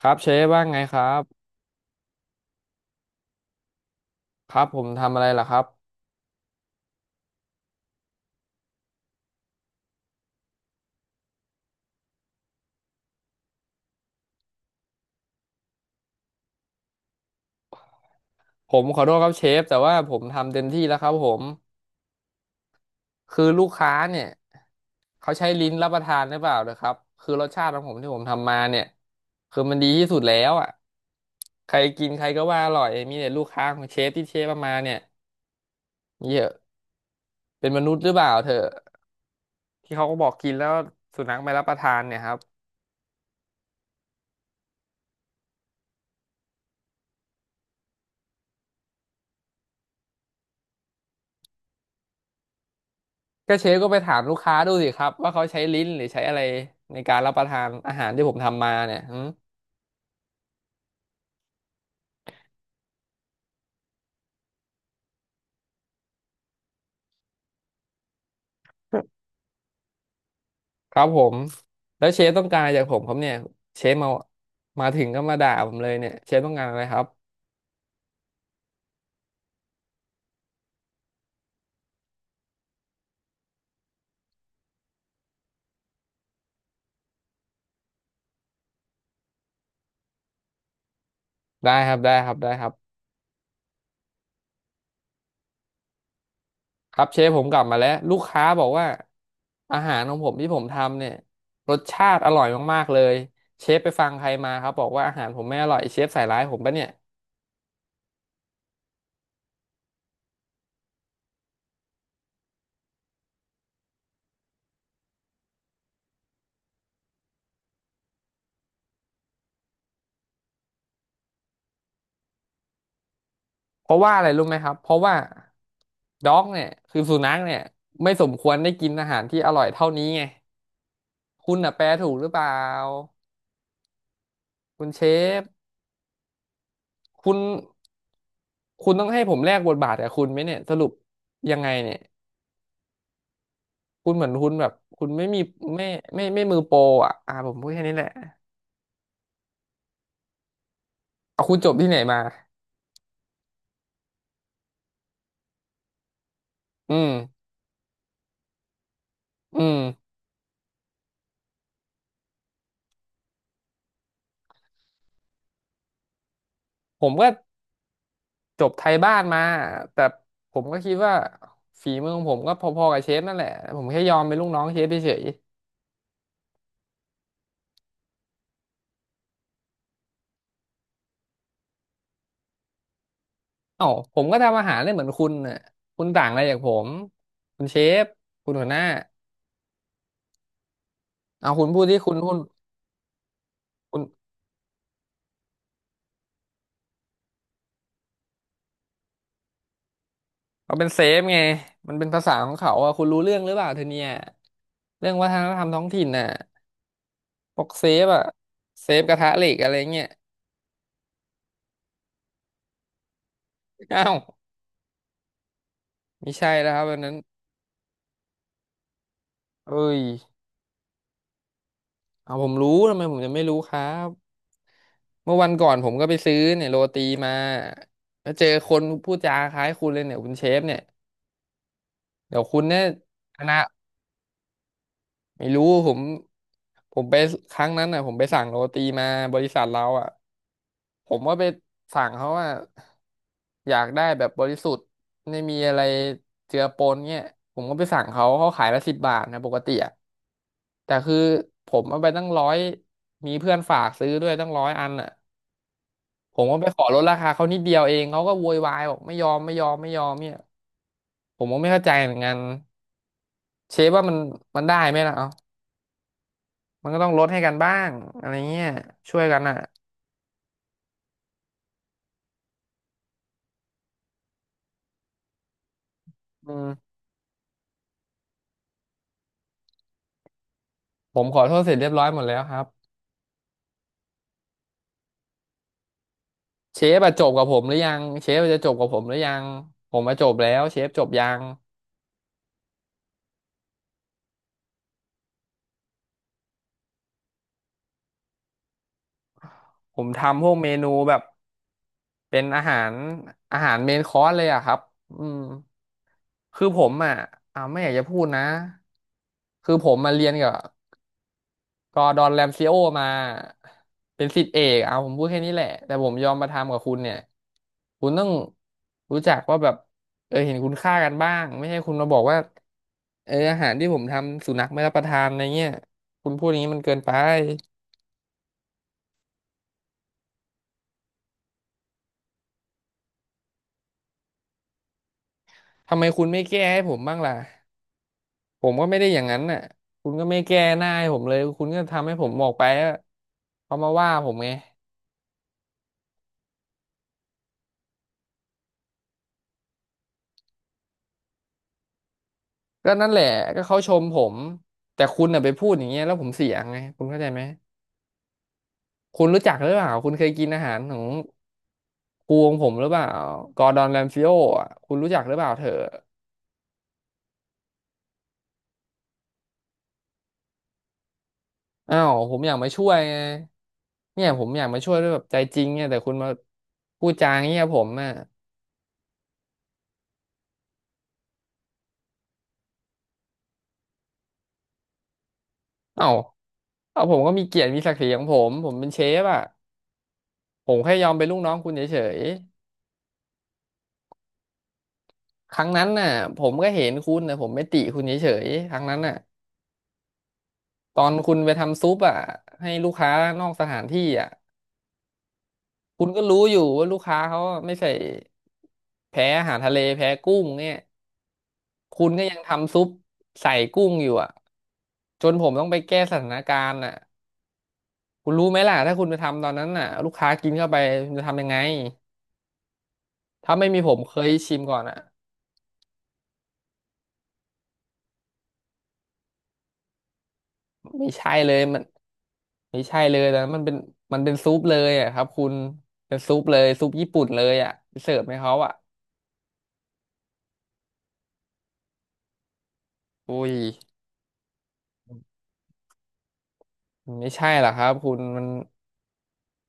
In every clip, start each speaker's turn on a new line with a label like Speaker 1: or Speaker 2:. Speaker 1: ครับเชฟว่าไงครับครับผมทำอะไรล่ะครับผมขอโทษครับเชฟแต่ว่าผมทำเต็มที่แล้วครับผมคือลูกค้าเนี่ยเขาใช้ลิ้นรับประทานหรือเปล่านะครับคือรสชาติของผมที่ผมทำมาเนี่ยคือมันดีที่สุดแล้วอ่ะใครกินใครก็ว่าอร่อยมีแต่ลูกค้าของเชฟที่เชฟเอามาเนี่ยเยอะเป็นมนุษย์หรือเปล่าเถอะที่เขาก็บอกกินแล้วสุนัขไม่รับประทานเนี่ยครับก็เชฟก็ไปถามลูกค้าดูสิครับว่าเขาใช้ลิ้นหรือใช้อะไรในการรับประทานอาหารที่ผมทำมาเนี่ยหืม ครับผมแล้วเชฟต้องการอะไรจากผมครับเนี่ยเชฟมาถึงก็มาด่าผมเลยเนี่ยเชฟต้องการอะไรครับได้ครับได้ครับได้ครับครับเชฟผมกลับมาแล้วลูกค้าบอกว่าอาหารของผมที่ผมทำเนี่ยรสชาติอร่อยมากๆเลยเชฟไปฟังใครมาครับบอกว่าอาหารผมไม่อร่อยเชฟใส่ร้ายผมปะเนี่ยเพราะว่าอะไรรู้ไหมครับเพราะว่าด็อกเนี่ยคือสุนัขเนี่ยไม่สมควรได้กินอาหารที่อร่อยเท่านี้ไงคุณน่ะแปลถูกหรือเปล่าคุณเชฟ คุณคุณต้องให้ผมแลกบทบาทกับคุณไหมเนี่ยสรุปยังไงเนี่ยคุณเหมือนคุณแบบคุณไม่มีไม่ไม่มือโปรอ่ะผมพูดแค่นี้แหละเอาคุณจบที่ไหนมาอืมอืมผมก็จบไทยบ้านมาแต่ผมก็คิดว่าฝีมือของผมก็พอๆกับเชฟนั่นแหละผมแค่ยอมเป็นลูกน้องเชฟเฉยๆเอ้าผมก็ทำอาหารได้เหมือนคุณน่ะคุณต่างอะไรจากผมคุณเชฟคุณหัวหน้าเอาคุณพูดที่คุณคุณ เขาเป็นเซฟไงมันเป็นภาษาของเขาอ่ะคุณรู้เรื่องหรือเปล่าเธอเนี่ยเรื่องวัฒนธรรมท้องถิ่นน่ะพวกเซฟอ่ะเซฟกระทะเหล็กอะไรเงี้ยอ้าวไม่ใช่แล้วครับวันนั้นเอ้ยเอาผมรู้ทำไมผมจะไม่รู้ครับ เมื่อวันก่อนผมก็ไปซื้อเนี่ยโรตีมาแล้วเจอคนพูดจาคล้ายคุณเลยเนี่ยคุณเชฟเนี่ยเดี๋ยวคุณเนี่ยคณะ ไม่รู้ผมผมไปครั้งนั้นอ่ะผมไปสั่งโรตีมาบริษัทเราอ่ะผมก็ไปสั่งเขาว่าอยากได้แบบบริสุทธิ์ไม่มีอะไรเจือปนเงี้ยผมก็ไปสั่งเขาเขาขายละ10 บาทนะปกติอ่ะแต่คือผมเอาไปตั้งร้อยมีเพื่อนฝากซื้อด้วยตั้งร้อยอันอ่ะผมก็ไปขอลดราคาเขานิดเดียวเองเขาก็โวยวายบอกไม่ยอมไม่ยอมไม่ยอมเนี่ยผมก็ไม่เข้าใจเหมือนกันเชฟว่ามันได้ไหมล่ะเอ้า มันก็ต้องลดให้กันบ้างอะไรเงี้ยช่วยกันอ่ะอืมผมขอโทษเสร็จเรียบร้อยหมดแล้วครับเชฟอะจบกับผมหรือยังเชฟจะจบกับผมหรือยังผมมาจบแล้วเชฟจบยังผมทำพวกเมนูแบบเป็นอาหารเมนคอร์สเลยอะครับอืมคือผมอ่ะไม่อยากจะพูดนะคือผมมาเรียนกับ ก็ดอนแรมซิโอมาเป็นศิษย์เอกเอาผมพูดแค่นี้แหละแต่ผมยอมมาทำกับคุณเนี่ยคุณต้องรู้จักว่าแบบเออเห็นคุณค่ากันบ้างไม่ใช่คุณมาบอกว่าเอออาหารที่ผมทำสุนัขไม่รับประทานอะไรเงี้ยคุณพูดอย่างนี้มันเกินไปทำไมคุณไม่แก้ให้ผมบ้างล่ะผมก็ไม่ได้อย่างนั้นน่ะคุณก็ไม่แก้หน้าให้ผมเลยคุณก็ทำให้ผมออกไปอะเขามาว่าผมไงก็นั่นแหละก็เขาชมผมแต่คุณน่ะไปพูดอย่างเงี้ยแล้วผมเสียไงคุณเข้าใจไหม คุณรู้จักหรือเปล่าคุณเคยกินอาหารของกูของผมหรือเปล่ากอร์ดอนแรมซิโออ่ะคุณรู้จักหรือเปล่าเธออ้าวผมอยากมาช่วยไงเนี่ยผมอยากมาช่วยด้วยแบบใจจริงเนี่ยแต่คุณมาพูดจาอย่างเงี้ยผมอ่ะเอ้าเอาผมก็มีเกียรติมีศักดิ์ศรีของผมผมเป็นเชฟอ่ะผมแค่ยอมเป็นลูกน้องคุณเฉยๆครั้งนั้นน่ะผมก็เห็นคุณแต่ผมไม่ติคุณเฉยๆครั้งนั้นน่ะตอนคุณไปทำซุปอ่ะให้ลูกค้านอกสถานที่อ่ะ คุณก็รู้อยู่ว่าลูกค้าเขาไม่ใส่แพ้อาหารทะเลแพ้กุ้งเนี่ยคุณก็ยังทำซุปใส่กุ้งอยู่อ่ะจนผมต้องไปแก้สถานการณ์อ่ะคุณรู้ไหมล่ะถ้าคุณไปทำตอนนั้นน่ะลูกค้ากินเข้าไปคุณจะทำยังไงถ้าไม่มีผมเคยชิมก่อนอ่ะไม่ใช่เลยมันไม่ใช่เลยแต่มันเป็นมันเป็นซุปเลยอ่ะครับคุณเป็นซุปเลยซุปญี่ปุ่นเลยอ่ะไปเสิร์ฟให้เขาอ่ะอุ้ยมันไม่ใช่หรอกครับคุณมัน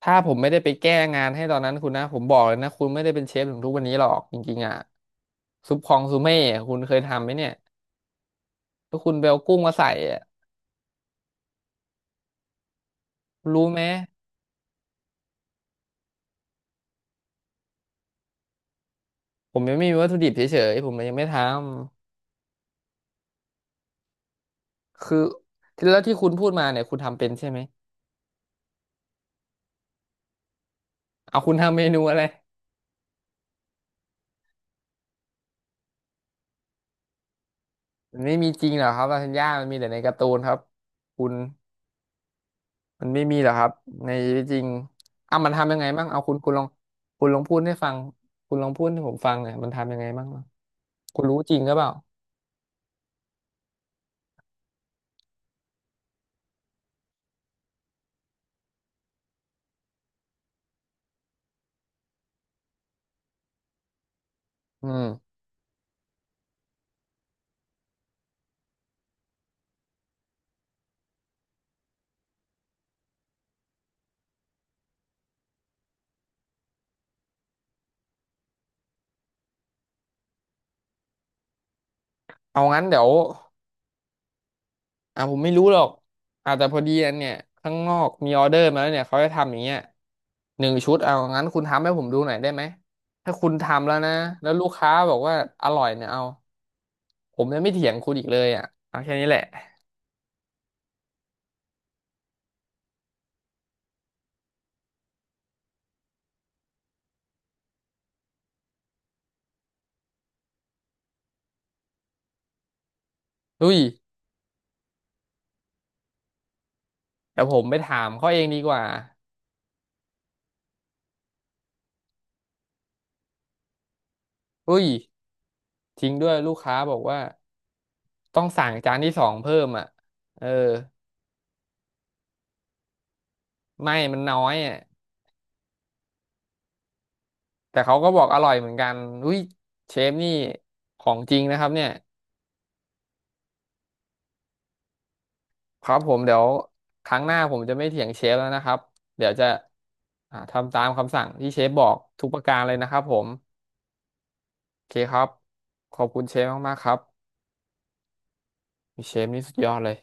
Speaker 1: ถ้าผมไม่ได้ไปแก้งานให้ตอนนั้นคุณนะผมบอกเลยนะคุณไม่ได้เป็นเชฟถึงทุกวันนี้หรอกจริงๆอ่ะซุปคองซูเม่คุณเคยทำไหมเนี่ยถ้าคุณไปเอากุ้งมาใส่อะคุณรู้ไหมผมยังไม่มีวัตถุดิบเฉยๆผมเลยยังไม่ทำคือที่แล้วที่คุณพูดมาเนี่ยคุณทำเป็นใช่ไหมเอาคุณทำเมนูอะไรมันไม่มีจริงหรอกครับลาซานญ่ามันมีแต่ในการ์ตูนครับคุณมันไม่มีหรอกครับในชีวิตจริงอ่ะมันทำยังไงบ้างเอาคุณลองคุณลองพูดให้ฟังคุณลองพูดให้ผมฟังหน่อยมันทำยังไงบ้างเนอะคุณรู้จริงหรือเปล่า อืมเอางั้นเดี๋ยวอ่ะผมไม่รู้หรอกอ่ะแต่พอดีอันเนี่ยข้างนอกมีออเดอร์มาแล้วเนี่ยเขาจะทำอย่างเงี้ย1 ชุดเอางั้นคุณทำให้ผมดูหน่อยได้ไหมถ้าคุณทำแล้วนะแล้วลูกค้าบอกว่าอร่อยเนี่ยเอาผมจะไม่เถียงคุณอีกเลยอ่ะเอาแค่นี้แหละอุ้ยแต่ผมไปถามเขาเองดีกว่าอุ้ยจริงด้วยลูกค้าบอกว่าต้องสั่งจานที่ 2เพิ่มอ่ะเออไม่มันน้อยอ่ะแต่เขาก็บอกอร่อยเหมือนกันอุ้ยเชฟนี่ของจริงนะครับเนี่ย ครับผมเดี๋ยวครั้งหน้าผมจะไม่เถียงเชฟแล้วนะครับเดี๋ยวจะทำตามคำสั่งที่เชฟบอกทุกประการเลยนะครับผมโอเคครับขอบคุณเชฟมากๆครับเชฟนี่สุดยอดเลย